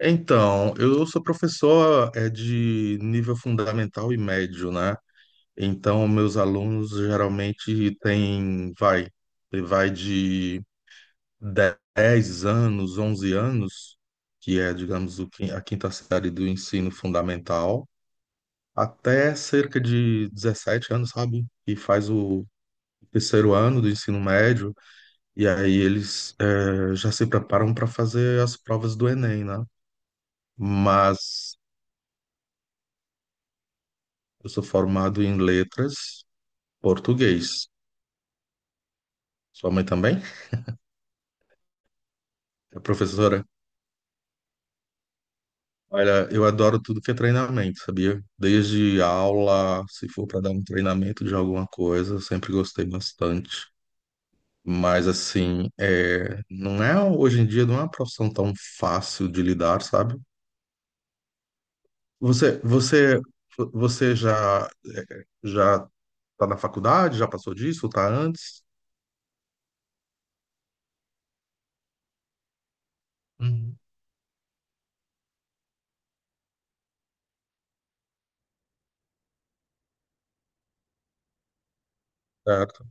Então, eu sou professor de nível fundamental e médio, né? Então, meus alunos geralmente têm, vai de 10 anos, 11 anos, que é, digamos, a quinta série do ensino fundamental, até cerca de 17 anos, sabe? E faz o terceiro ano do ensino médio, e aí eles já se preparam para fazer as provas do Enem, né? Mas Eu sou formado em letras, português. Sua mãe também? É professora? Olha, eu adoro tudo que é treinamento, sabia? Desde aula, se for para dar um treinamento de alguma coisa, eu sempre gostei bastante. Mas, assim, não é hoje em dia não é uma profissão tão fácil de lidar, sabe? Você, você, você já tá na faculdade? Já passou disso? Tá antes? Uhum. Certo.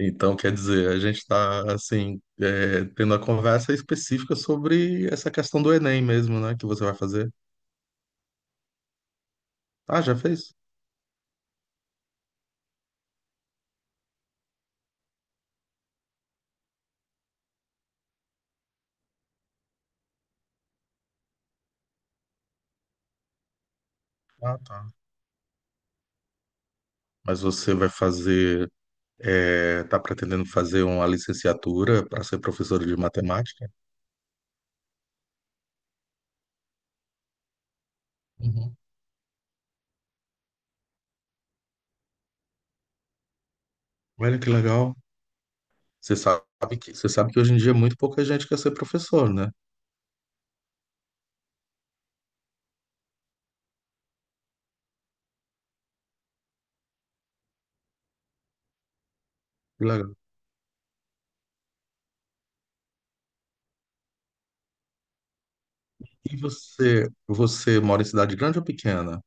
Então, quer dizer, a gente está, assim, tendo a conversa específica sobre essa questão do Enem mesmo, né? Que você vai fazer. Ah, já fez? Ah, tá. Mas você vai fazer, tá pretendendo fazer uma licenciatura para ser professora de matemática? Uhum. Olha que legal. Você sabe você sabe que hoje em dia muito pouca gente quer ser professor, né? Que legal. E você mora em cidade grande ou pequena?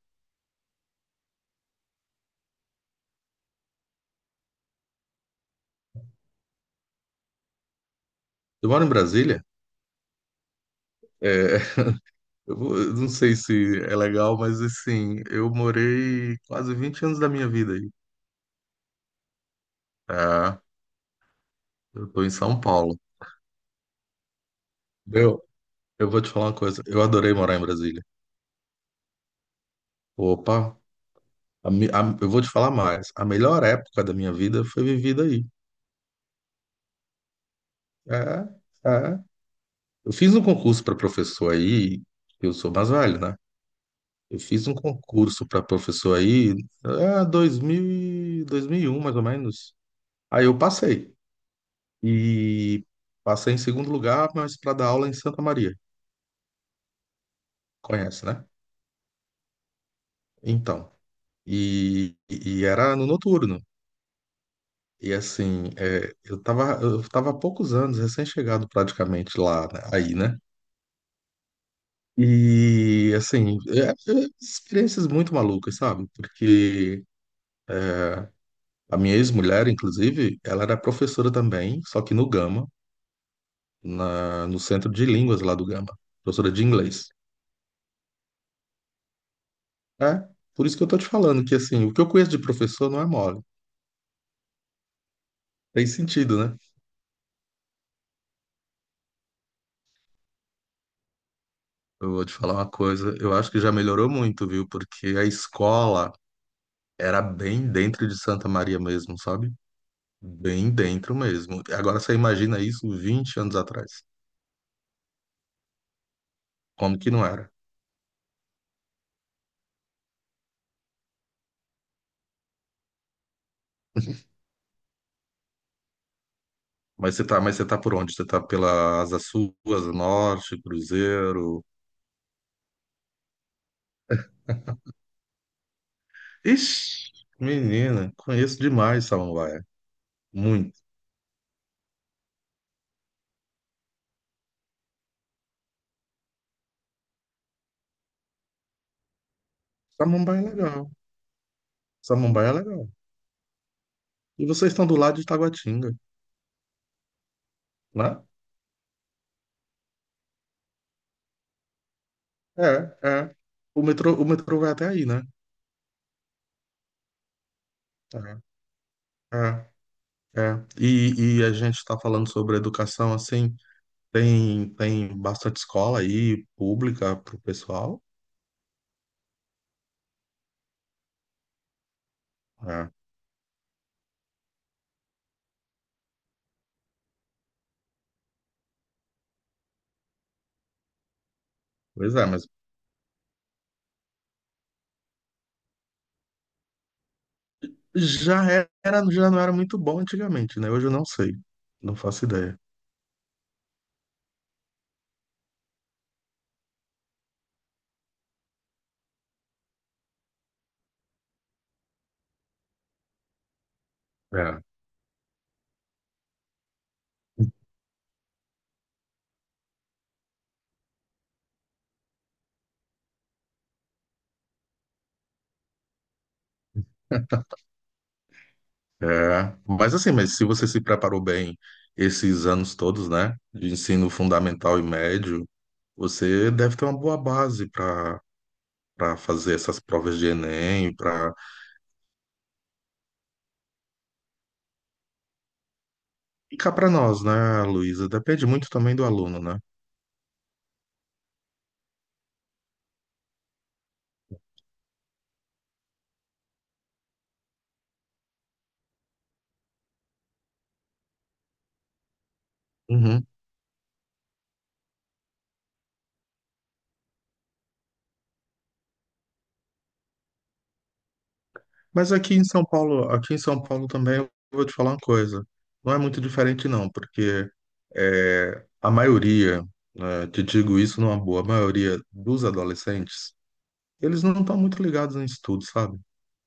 Eu moro em Brasília. É, eu não sei se é legal, mas assim, eu morei quase 20 anos da minha vida aí. Tá? Eu tô em São Paulo. Meu, eu vou te falar uma coisa. Eu adorei morar em Brasília. Opa, eu vou te falar mais. A melhor época da minha vida foi vivida aí. É. Eu fiz um concurso para professor aí, eu sou mais velho, né? Eu fiz um concurso para professor aí, 2000, 2001, mais ou menos. Aí eu passei. E passei em segundo lugar, mas para dar aula em Santa Maria. Conhece, né? Então, e era no noturno. E assim, eu tava há poucos anos, recém-chegado praticamente lá, né, aí, né? E assim, experiências muito malucas, sabe? Porque a minha ex-mulher, inclusive, ela era professora também, só que no Gama, no centro de línguas lá do Gama, professora de inglês. É, por isso que eu tô te falando que assim, o que eu conheço de professor não é mole. Tem sentido, né? Eu vou te falar uma coisa, eu acho que já melhorou muito, viu? Porque a escola era bem dentro de Santa Maria mesmo, sabe? Bem dentro mesmo. Agora você imagina isso 20 anos atrás. Como que não era? Mas você tá por onde? Você tá pela Asa Sul, Asa Norte, Cruzeiro. Ixi, menina, conheço demais Samambaia. Muito. Samambaia é legal. Samambaia é legal. E vocês estão do lado de Taguatinga, né? É. O metrô vai até aí, né? É. É, é. E a gente está falando sobre educação, assim, tem bastante escola aí, pública, para o pessoal. É. Pois é, mas já já não era muito bom antigamente, né? Hoje eu não sei, não faço ideia. É. É. Mas assim, mas se você se preparou bem esses anos todos, né, de ensino fundamental e médio, você deve ter uma boa base para para fazer essas provas de Enem, para ficar para nós, né, Luísa? Depende muito também do aluno, né? Uhum. Mas aqui em São Paulo, aqui em São Paulo também eu vou te falar uma coisa. Não é muito diferente não, porque a maioria, né, te digo isso numa boa, a maioria dos adolescentes, eles não estão muito ligados em estudo, sabe?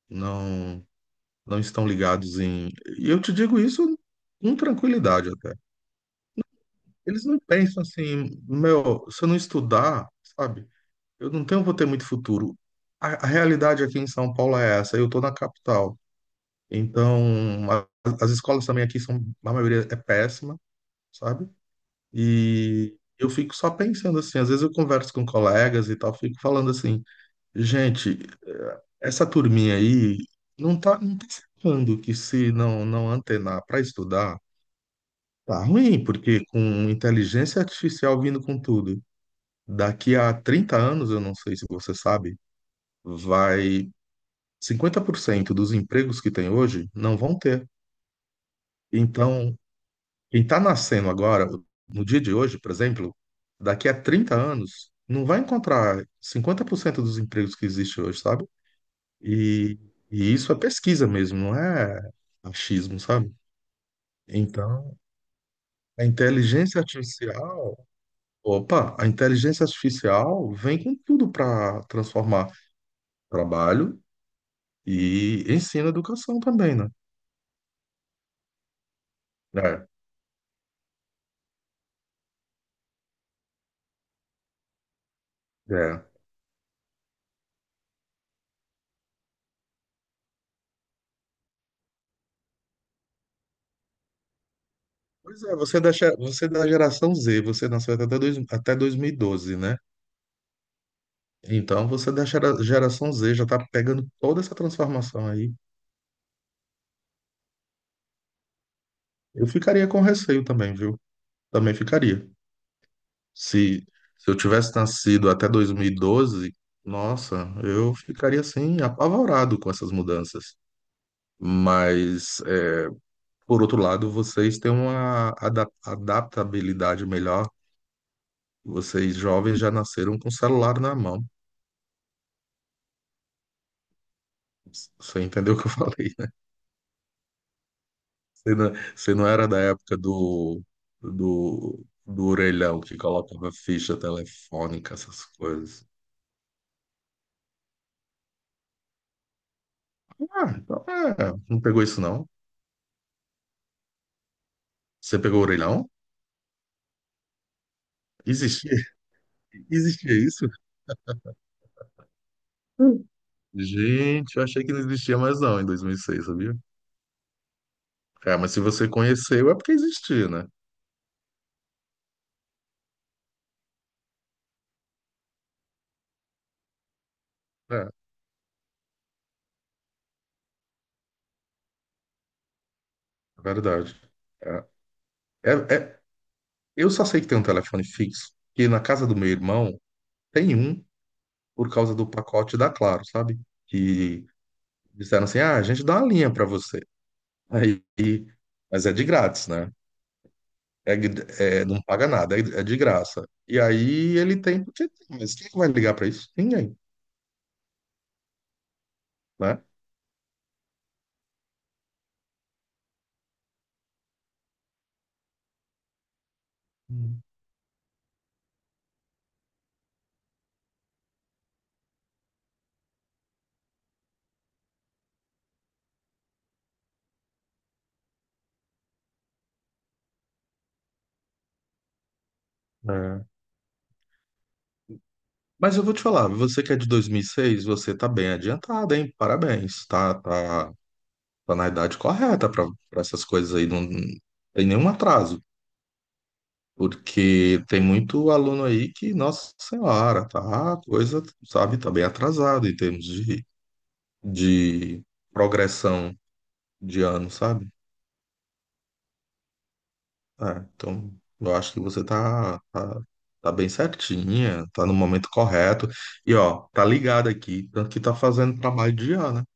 Não, não estão ligados em. E eu te digo isso com tranquilidade até. Eles não pensam assim, meu, se eu não estudar, sabe? Eu não tenho, vou ter muito futuro. A realidade aqui em São Paulo é essa. Eu estou na capital. Então, a- as escolas também aqui são, a maioria é péssima, sabe? E eu fico só pensando assim, às vezes eu converso com colegas e tal, fico falando assim, gente, essa turminha aí não tá, não tá sacando que se não antenar para estudar, tá ruim, porque com inteligência artificial vindo com tudo, daqui a 30 anos, eu não sei se você sabe, vai 50% dos empregos que tem hoje não vão ter. Então, quem está nascendo agora, no dia de hoje, por exemplo, daqui a 30 anos, não vai encontrar 50% dos empregos que existem hoje, sabe? E, e isso é pesquisa mesmo, não é achismo, sabe? Então, a inteligência artificial, opa, a inteligência artificial vem com tudo para transformar trabalho e ensino e educação também, né? É, é. Pois é, você é da geração Z, você nasceu até, 2012, né? Então você da geração Z já tá pegando toda essa transformação aí. Eu ficaria com receio também, viu? Também ficaria. Se, se eu tivesse nascido até 2012, nossa, eu ficaria assim, apavorado com essas mudanças. Mas, por outro lado, vocês têm uma adaptabilidade melhor. Vocês jovens já nasceram com o celular na mão. Você entendeu o que eu falei? Você não era da época do, do orelhão que colocava ficha telefônica, essas coisas. Ah, então é, não pegou isso não. Você pegou o orelhão? Existia, existia isso? Hum. Gente, eu achei que não existia mais não em 2006, sabia? É, mas se você conheceu é porque existia, né? É, é verdade. É, é- é- eu só sei que tem um telefone fixo, que na casa do meu irmão tem um por causa do pacote da Claro, sabe? Que Disseram assim: ah, a gente dá uma linha para você. Aí, mas é de grátis, né? É, não paga nada, é de graça. E aí ele tem, porque tem, mas quem vai ligar para isso? Ninguém, né? Hum. É. Mas eu vou te falar, você que é de 2006 você tá bem adiantada, hein? Parabéns, tá na idade correta para essas coisas aí, não tem nenhum atraso, porque tem muito aluno aí que, nossa senhora, tá, a coisa, sabe, tá bem atrasado em termos de, progressão de ano, sabe? É, então, eu acho que você tá, tá bem certinha, tá no momento correto. E, ó, tá ligado aqui, tanto que tá fazendo trabalho de ano,